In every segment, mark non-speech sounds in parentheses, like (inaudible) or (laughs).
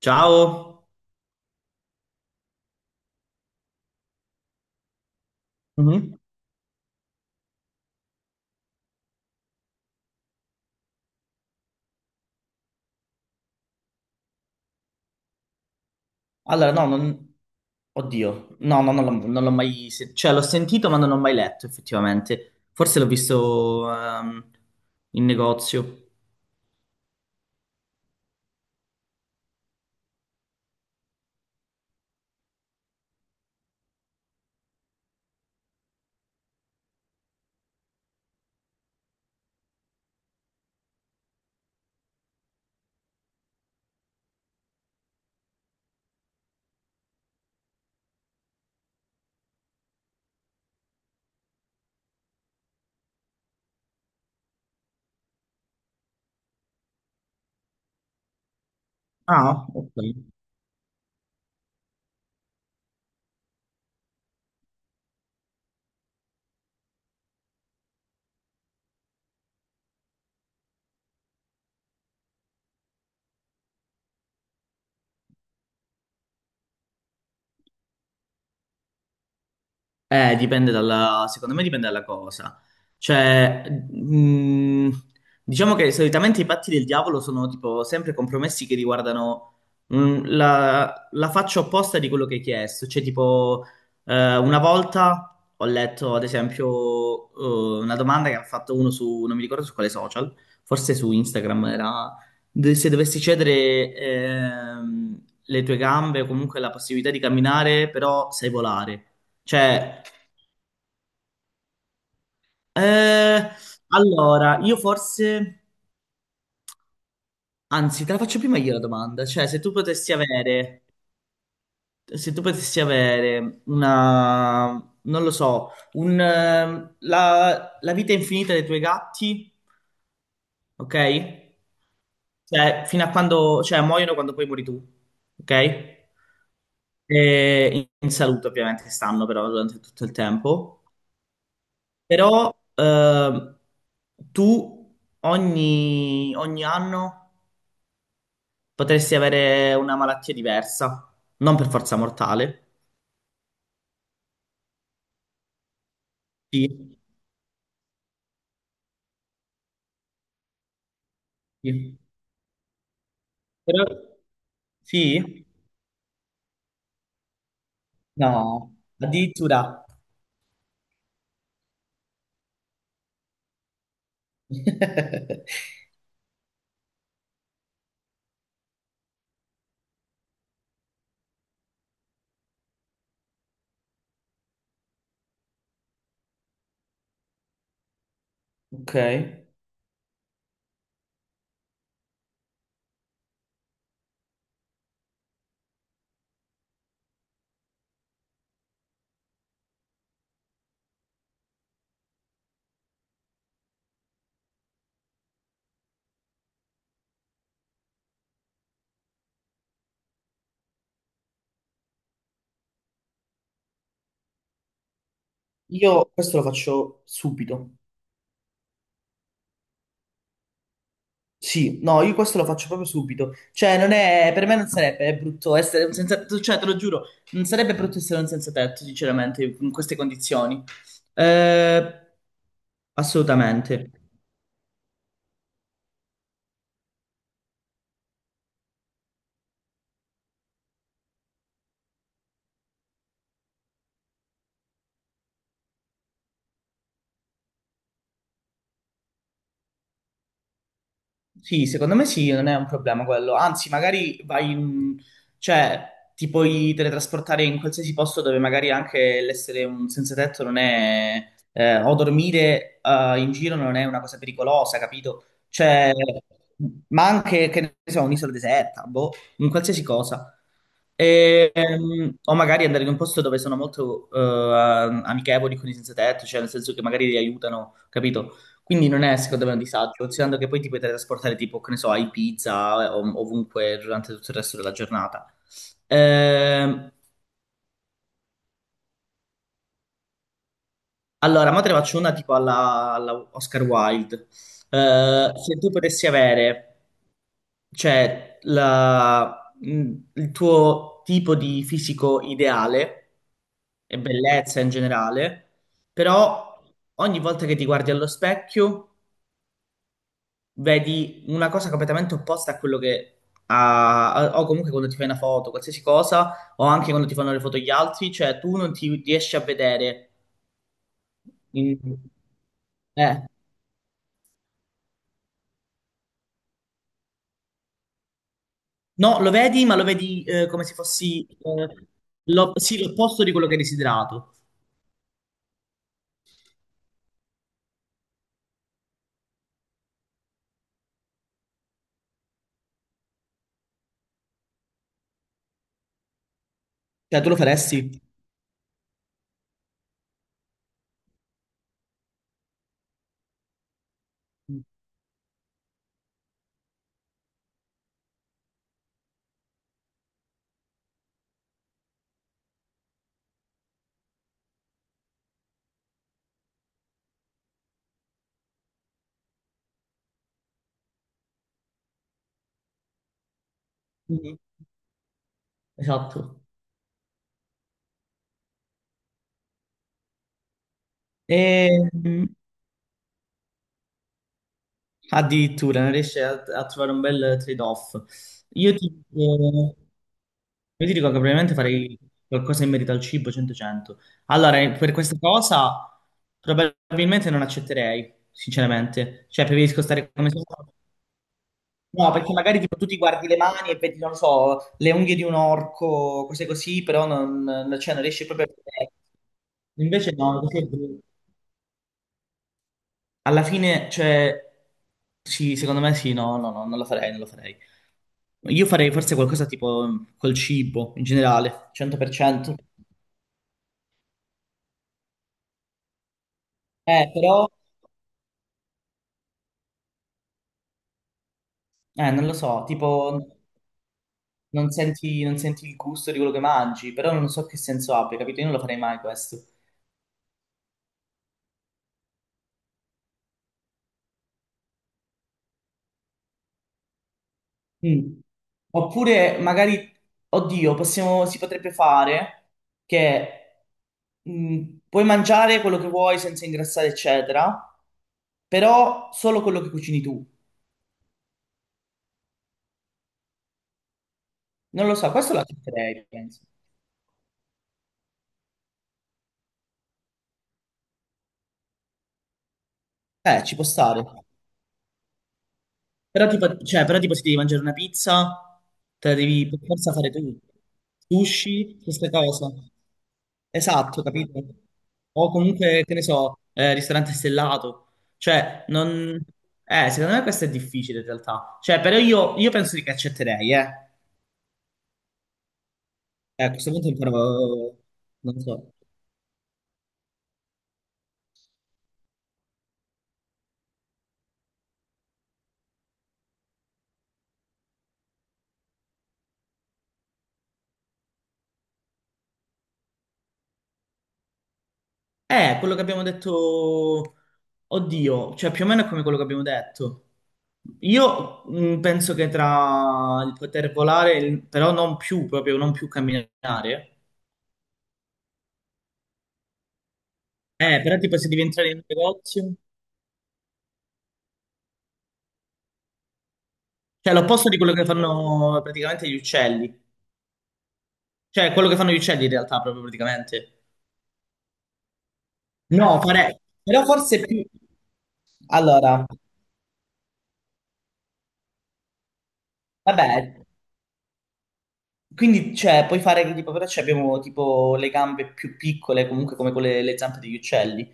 Ciao. Mhm. Allora, no, non. Oddio, no, no, non l'ho mai. Cioè, l'ho sentito, ma non l'ho mai letto, effettivamente. Forse l'ho viso in negozio. Ah, ok. Dipende dalla, secondo me dipende dalla cosa. Cioè, diciamo che solitamente i patti del diavolo sono tipo sempre compromessi che riguardano la faccia opposta di quello che hai chiesto. Cioè, tipo, una volta ho letto, ad esempio, una domanda che ha fatto uno su, non mi ricordo su quale social, forse su Instagram era se dovessi cedere le tue gambe o comunque la possibilità di camminare, però sai volare. Cioè, eh, allora, io forse, anzi, te la faccio prima io la domanda, cioè, se tu potessi avere una, non lo so, la vita infinita dei tuoi gatti, ok? Cioè, fino a quando, cioè, muoiono quando poi muori tu, ok? E in salute, ovviamente, stanno però durante tutto il tempo. Però tu ogni anno potresti avere una malattia diversa, non per forza mortale. Sì, sì. Però sì? No, addirittura. (laughs) Ok. Io questo lo faccio subito. Sì, no, io questo lo faccio proprio subito. Cioè, non è, per me non sarebbe brutto essere un senza tetto, cioè, te lo giuro, non sarebbe brutto essere un senza tetto, sinceramente, in queste condizioni. Eh, Assolutamente. Sì, secondo me sì, non è un problema quello. Anzi, magari vai in, cioè, ti puoi teletrasportare in qualsiasi posto dove magari anche l'essere un senza tetto non è. O dormire in giro non è una cosa pericolosa, capito? Cioè, ma anche, che ne so, un'isola deserta, boh, in qualsiasi cosa. E, o magari andare in un posto dove sono molto amichevoli con i senza tetto, cioè nel senso che magari li aiutano, capito? Quindi non è secondo me un disagio, considerando che poi ti puoi trasportare tipo, che ne so, a Ibiza ovunque durante tutto il resto della giornata. Ehm, allora, ma te ne faccio una tipo alla, alla Oscar Wilde. Se tu potessi avere, cioè, il tuo tipo di fisico ideale e bellezza in generale, però ogni volta che ti guardi allo specchio vedi una cosa completamente opposta a quello che o comunque quando ti fai una foto, qualsiasi cosa, o anche quando ti fanno le foto gli altri, cioè tu non ti riesci a vedere. in- eh. No, lo vedi, ma lo vedi come se fossi sì, l'opposto di quello che hai desiderato. Cioè, tu lo faresti? Mhm. Esatto. E, addirittura non riesce a trovare un bel trade-off. Io ti, eh, io ti dico che probabilmente farei qualcosa in merito al cibo 100-100. Allora, per questa cosa probabilmente non accetterei, sinceramente. Cioè, preferisco stare come sono. No, perché magari tipo, tu ti guardi le mani e vedi, non lo so, le unghie di un orco, cose così, però cioè, non riesci proprio a vedere. Invece no, così è brutto. Alla fine, cioè, sì, secondo me sì, no, no, no, non lo farei, non lo farei. Io farei forse qualcosa tipo col cibo in generale, 100%. Però, non lo so, tipo non senti il gusto di quello che mangi, però non so che senso abbia, capito? Io non lo farei mai questo. Mm. Oppure magari, oddio, si potrebbe fare che puoi mangiare quello che vuoi senza ingrassare, eccetera, però solo quello che cucini tu. Non lo so, questo lo accetterei, penso. Ci può stare. Però tipo se devi mangiare una pizza, te la devi per forza fare tu. Sushi, queste cose. Esatto, capito? O comunque, che ne so, ristorante stellato. Cioè, non. Secondo me questo è difficile in realtà. Cioè, però io penso che accetterei, eh. A questo punto ancora. Non so. Quello che abbiamo detto, oddio, cioè più o meno è come quello che abbiamo detto. Io penso che tra il poter volare, e però non più, proprio non più camminare. Però tipo se devi entrare in un negozio, cioè l'opposto di quello che fanno praticamente gli uccelli, cioè quello che fanno gli uccelli in realtà proprio praticamente. No, fare. Però forse più. Allora, vabbè, quindi cioè, puoi fare che tipo, però cioè, abbiamo tipo le gambe più piccole comunque come quelle, le zampe degli uccelli.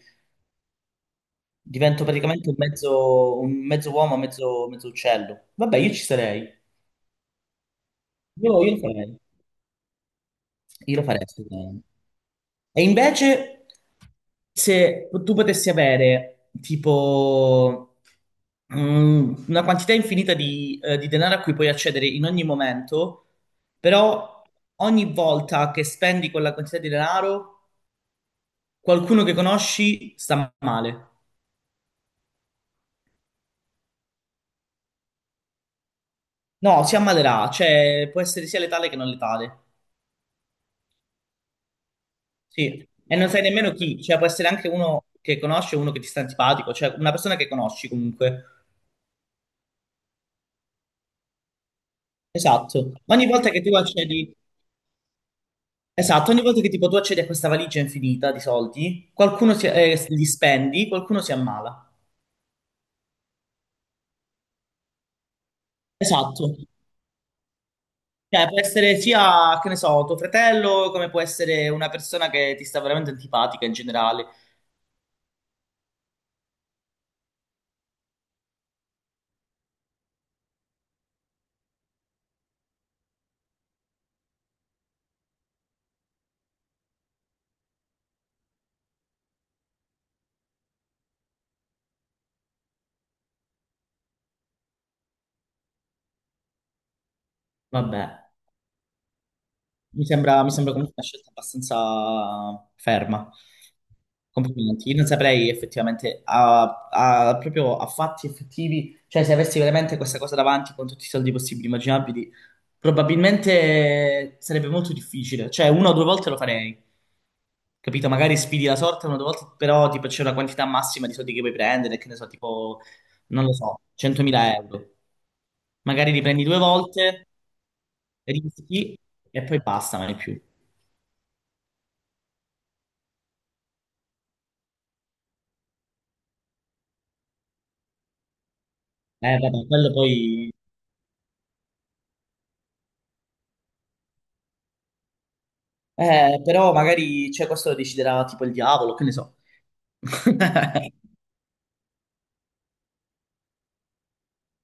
Divento praticamente un mezzo uomo, mezzo uccello. Vabbè, io ci sarei. Io lo farei. Io lo farei, assolutamente. E invece, se tu potessi avere tipo una quantità infinita di denaro a cui puoi accedere in ogni momento, però ogni volta che spendi quella quantità di denaro, qualcuno che conosci sta male. No, si ammalerà, cioè può essere sia letale che non letale. Sì, e non sai nemmeno chi, cioè può essere anche uno che conosci e uno che ti sta antipatico, cioè una persona che conosci comunque. Esatto. Ogni volta che tu accedi, esatto, ogni volta che tipo tu accedi a questa valigia infinita di soldi, qualcuno si, li spendi, qualcuno si ammala. Esatto. Cioè può essere sia, che ne so, tuo fratello, come può essere una persona che ti sta veramente antipatica in generale. Vabbè. Mi sembra comunque una scelta abbastanza ferma. Complimenti. Io non saprei effettivamente, proprio a fatti effettivi, cioè se avessi veramente questa cosa davanti con tutti i soldi possibili e immaginabili, probabilmente sarebbe molto difficile. Cioè una o due volte lo farei, capito? Magari sfidi la sorte una o due volte, però tipo c'è una quantità massima di soldi che puoi prendere, che ne so, tipo, non lo so, 100.000 euro. Magari li prendi due volte, rischi e poi basta, non è più. Vabbè, quello poi. Però magari, cioè, questo lo deciderà tipo il diavolo, che ne so. (laughs)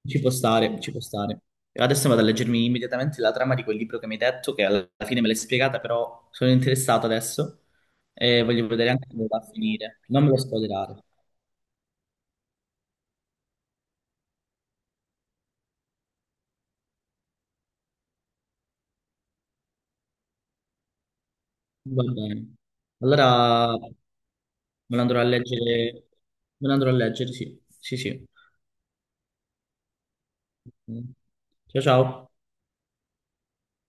Ci può stare, ci può stare. Adesso vado a leggermi immediatamente la trama di quel libro che mi hai detto, che alla fine me l'hai spiegata, però sono interessato adesso e voglio vedere anche come va a finire. Non me lo spoilerare. Va bene. Allora me lo andrò a leggere. Me lo andrò a leggere, sì. Sì, sì. Ok. Ciao, ciao.